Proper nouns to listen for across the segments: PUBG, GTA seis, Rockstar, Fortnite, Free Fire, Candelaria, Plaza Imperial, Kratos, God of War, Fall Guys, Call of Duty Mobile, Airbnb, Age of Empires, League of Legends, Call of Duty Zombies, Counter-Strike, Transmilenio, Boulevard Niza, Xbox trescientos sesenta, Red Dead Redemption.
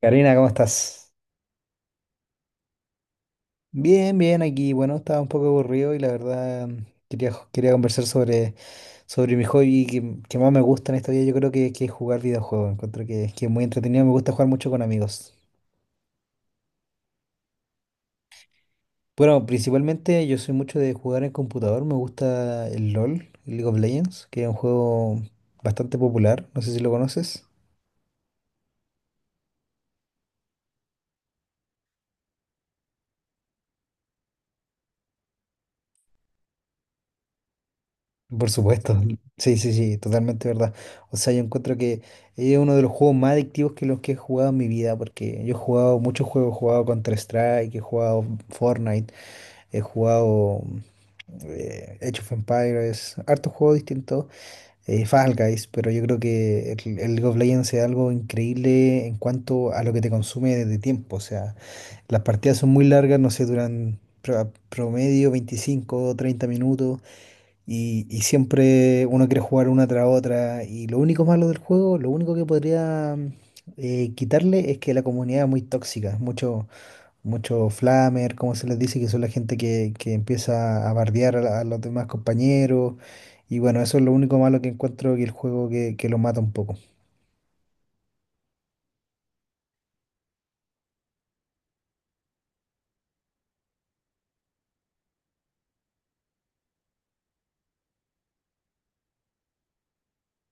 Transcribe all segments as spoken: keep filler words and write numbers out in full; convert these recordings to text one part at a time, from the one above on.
Karina, ¿cómo estás? Bien, bien, aquí. Bueno, estaba un poco aburrido y la verdad mm, quería, ju- quería conversar sobre, sobre mi hobby que, que más me gusta en esta vida. Yo creo que, que es jugar videojuegos. Encuentro que, que es muy entretenido, me gusta jugar mucho con amigos. Bueno, principalmente yo soy mucho de jugar en computador. Me gusta el LOL, el League of Legends, que es un juego bastante popular. No sé si lo conoces. Por supuesto, sí, sí, sí, totalmente verdad. O sea, yo encuentro que es uno de los juegos más adictivos que los que he jugado en mi vida, porque yo he jugado muchos juegos, he jugado Counter-Strike, he jugado Fortnite, he jugado eh, Age of Empires, hartos juegos distintos, eh, Fall Guys, pero yo creo que el, el League of Legends es algo increíble en cuanto a lo que te consume de tiempo, o sea, las partidas son muy largas, no sé, duran pro- promedio veinticinco o treinta minutos y, y siempre uno quiere jugar una tras otra. Y lo único malo del juego, lo único que podría mm, eh, quitarle es que la comunidad es muy tóxica. Mucho, mucho flamer, como se les dice, que son la gente que, que empieza a bardear a, la- a los demás compañeros. Y bueno, eso es lo único malo que encuentro que el juego que, que lo mata un poco.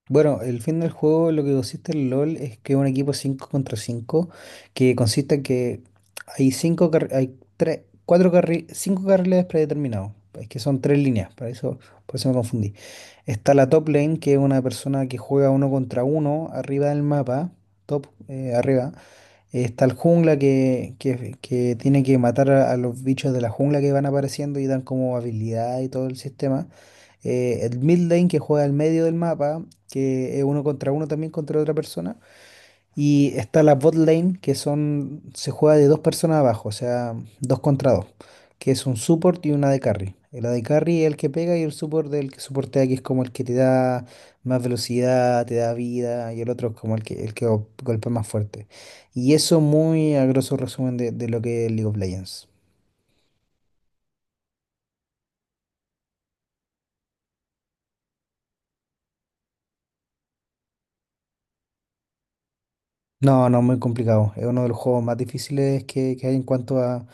Bueno, el fin del juego, lo que consiste el LOL es que un equipo cinco contra cinco, que consiste en que hay cinco carri- hay tres, cuatro carri- cinco carriles predeterminados, es que son tres líneas, para eso, por eso me confundí. Está la top lane, que es una persona que juega uno contra uno arriba del mapa, top, eh, arriba. Está el jungla que, que, que tiene que matar a, a los bichos de la jungla que van apareciendo y dan como habilidad y todo el sistema. Eh, el mid lane que juega al medio del mapa, que es uno contra uno también contra otra persona. Y está la bot lane, que son, se juega de dos personas abajo, o sea, dos contra dos, que es un support y una de carry. El de carry es el que pega y el support el que soportea, que es como el que te da más velocidad, te da vida, y el otro es como el que, el que go- golpea más fuerte. Y eso muy a grosso resumen de, de lo que es League of Legends. No, no, muy complicado. Es uno de los juegos más difíciles que, que hay en cuanto a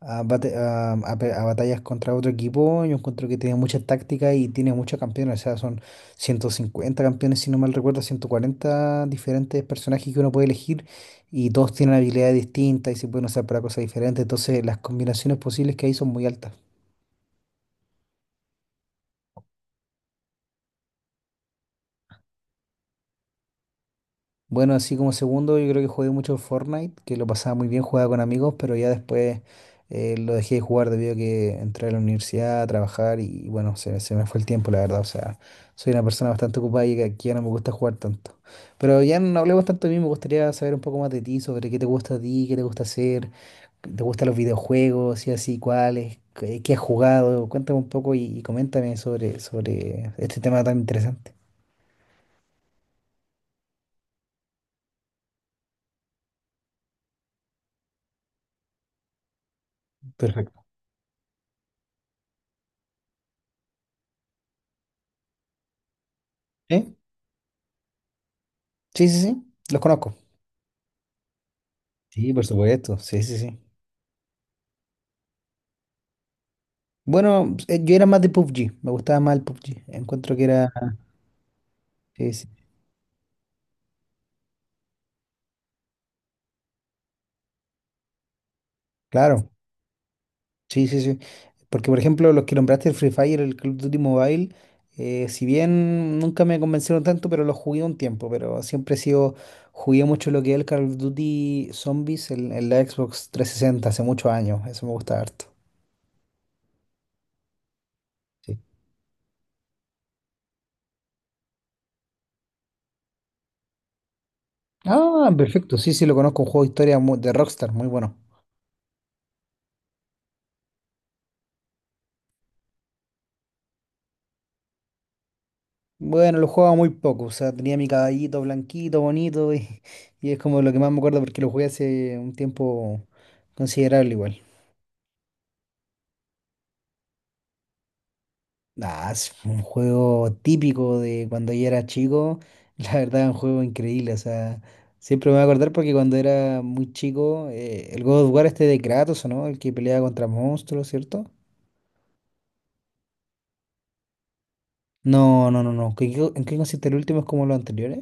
a, bate- a- a pe- a batallas contra otro equipo, yo encuentro que tiene mucha táctica y tiene muchos campeones, o sea, son ciento cincuenta campeones, si no mal recuerdo, ciento cuarenta diferentes personajes que uno puede elegir y todos tienen habilidades distintas y se pueden usar para cosas diferentes, entonces las combinaciones posibles que hay son muy altas. Bueno, así como segundo, yo creo que jugué mucho Fortnite, que lo pasaba muy bien, jugaba con amigos, pero ya después eh, lo dejé de jugar debido a que entré a la universidad a trabajar y bueno, se, se me fue el tiempo, la verdad. O sea, soy una persona bastante ocupada y que, que ya no me gusta jugar tanto. Pero ya no hablemos tanto de mí, me gustaría saber un poco más de ti, sobre qué te gusta a ti, qué te gusta hacer, qué te gustan los videojuegos, y así, cuáles, qué, qué has jugado. Cuéntame un poco y, y coméntame sobre, sobre este tema tan interesante. Perfecto. ¿Eh? Sí, sí, sí, los conozco. Sí, por supuesto, sí, sí, sí. Bueno, eh, yo era más de P U B G, me gustaba más el P U B G. Encuentro que era. Sí, sí, claro, sí, sí, sí. Porque, por ejemplo, los que nombraste el Free Fire, el Call of Duty Mobile, eh, si bien nunca me convencieron tanto, pero los jugué un tiempo. Pero siempre he sido. Jugué mucho lo que es el Call of Duty Zombies en, en la Xbox trescientos sesenta, hace muchos años. Eso me gusta harto. Sí. Ah, perfecto, sí, sí, lo conozco, un juego de historia mu- de Rockstar, muy bueno. Bueno, lo jugaba muy poco, o sea, tenía mi caballito blanquito, bonito, y, y es como lo que más me acuerdo porque lo jugué hace un tiempo considerable igual. Ah, es un juego típico de cuando yo era chico, la verdad es un juego increíble, o sea, siempre me voy a acordar porque cuando era muy chico, eh, el God of War este de Kratos, ¿o no? El que peleaba contra monstruos, ¿cierto? No, no, no, no, ¿qué- qué- ¿en qué consiste el último? ¿Es como los anteriores?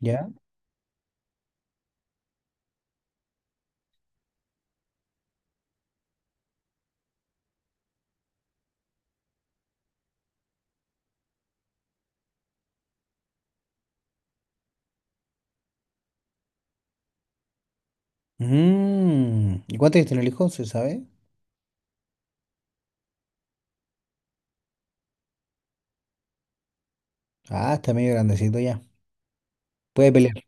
¿Ya? Mm, ¿y cuántos años tiene el hijo? ¿Se sabe? Ah, está medio grandecito ya. Puede pelear.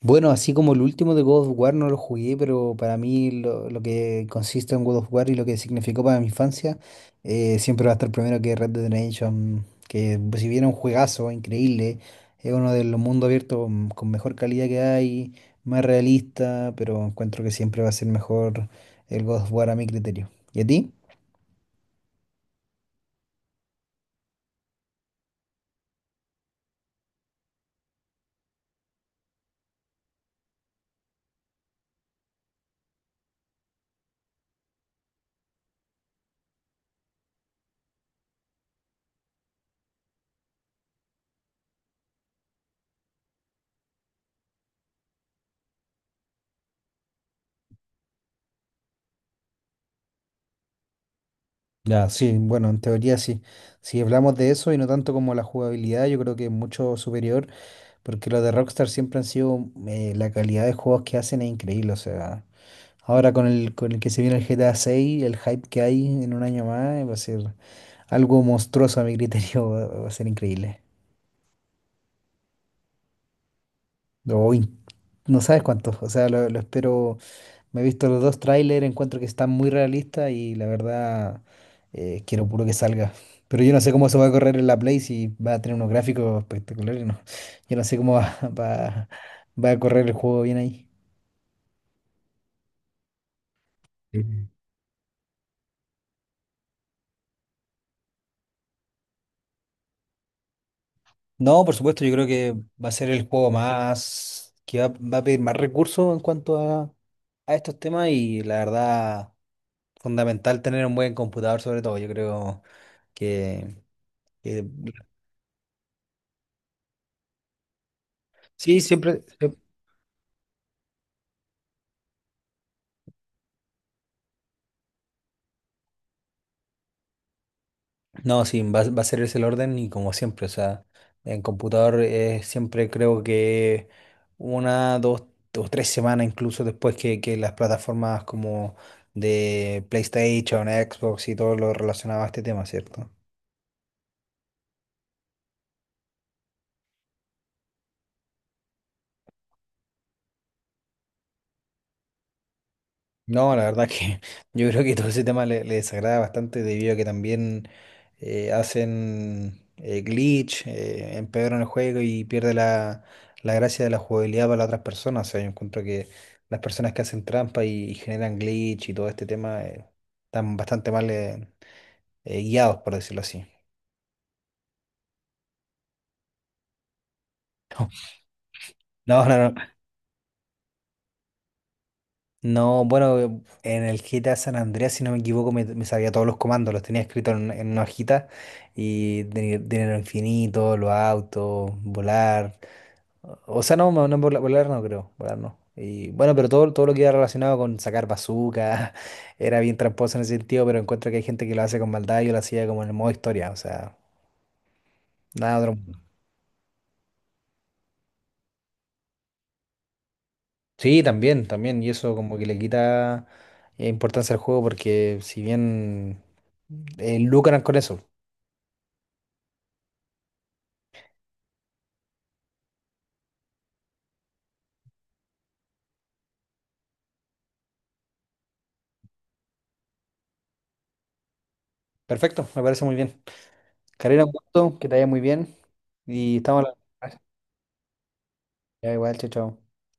Bueno, así como el último de God of War no lo jugué, pero para mí lo, lo que consiste en God of War y lo que significó para mi infancia, eh, siempre va a estar primero que Red Dead Redemption, que pues, si bien es un juegazo increíble, es uno de los mundos abiertos mm, con mejor calidad que hay, más realista, pero encuentro que siempre va a ser mejor el God of War a mi criterio. ¿Y a ti? Ya, sí, bueno, en teoría sí. Si hablamos de eso y no tanto como la jugabilidad, yo creo que es mucho superior. Porque lo de Rockstar siempre han sido, eh, la calidad de juegos que hacen es increíble, o sea, ahora con el, con el que se viene el G T A seis el hype que hay en un año más, eh, va a ser algo monstruoso a mi criterio, va, va a ser increíble. O in- no sabes cuántos, o sea, lo, lo espero, me he visto los dos trailers, encuentro que están muy realistas y la verdad eh, quiero puro que salga. Pero yo no sé cómo se va a correr en la Play si va a tener unos gráficos espectaculares, no. Yo no sé cómo va, va va a correr el juego bien ahí. Sí. No, por supuesto, yo creo que va a ser el juego más, que va, va a pedir más recursos en cuanto a, a estos temas y la verdad, fundamental tener un buen computador sobre todo, yo creo que, que- sí, siempre, siempre, no, sí, va, va a ser ese el orden y como siempre, o sea, en computador eh, siempre creo que una, dos o tres semanas incluso después que, que las plataformas como de PlayStation, Xbox y todo lo relacionado a este tema, ¿cierto? No, la verdad que yo creo que todo ese tema le, le desagrada bastante debido a que también eh, hacen eh, glitch, eh, empeoran el juego y pierde la, la gracia de la jugabilidad para las otras personas. O sea, yo encuentro que las personas que hacen trampa y, y generan glitch y todo este tema eh, están bastante mal eh, eh, guiados, por decirlo así. No, no, no. No, bueno, en el G T A San Andreas, si no me equivoco, me, me sabía todos los comandos, los tenía escritos en, en una hojita y tenía dinero infinito, los autos, volar. O sea, no, no, no, vola- volar no creo, volar no. Y bueno, pero todo, todo lo que era relacionado con sacar bazooka era bien tramposo en ese sentido, pero encuentro que hay gente que lo hace con maldad, yo lo hacía como en el modo historia, o sea, nada otro mundo. Sí, también, también, y eso como que le quita eh, importancia al juego porque si bien eh, lucran con eso. Perfecto, me parece muy bien. Karina, un gusto, que te vaya muy bien. Y estamos a la... Ya igual, chao, chao.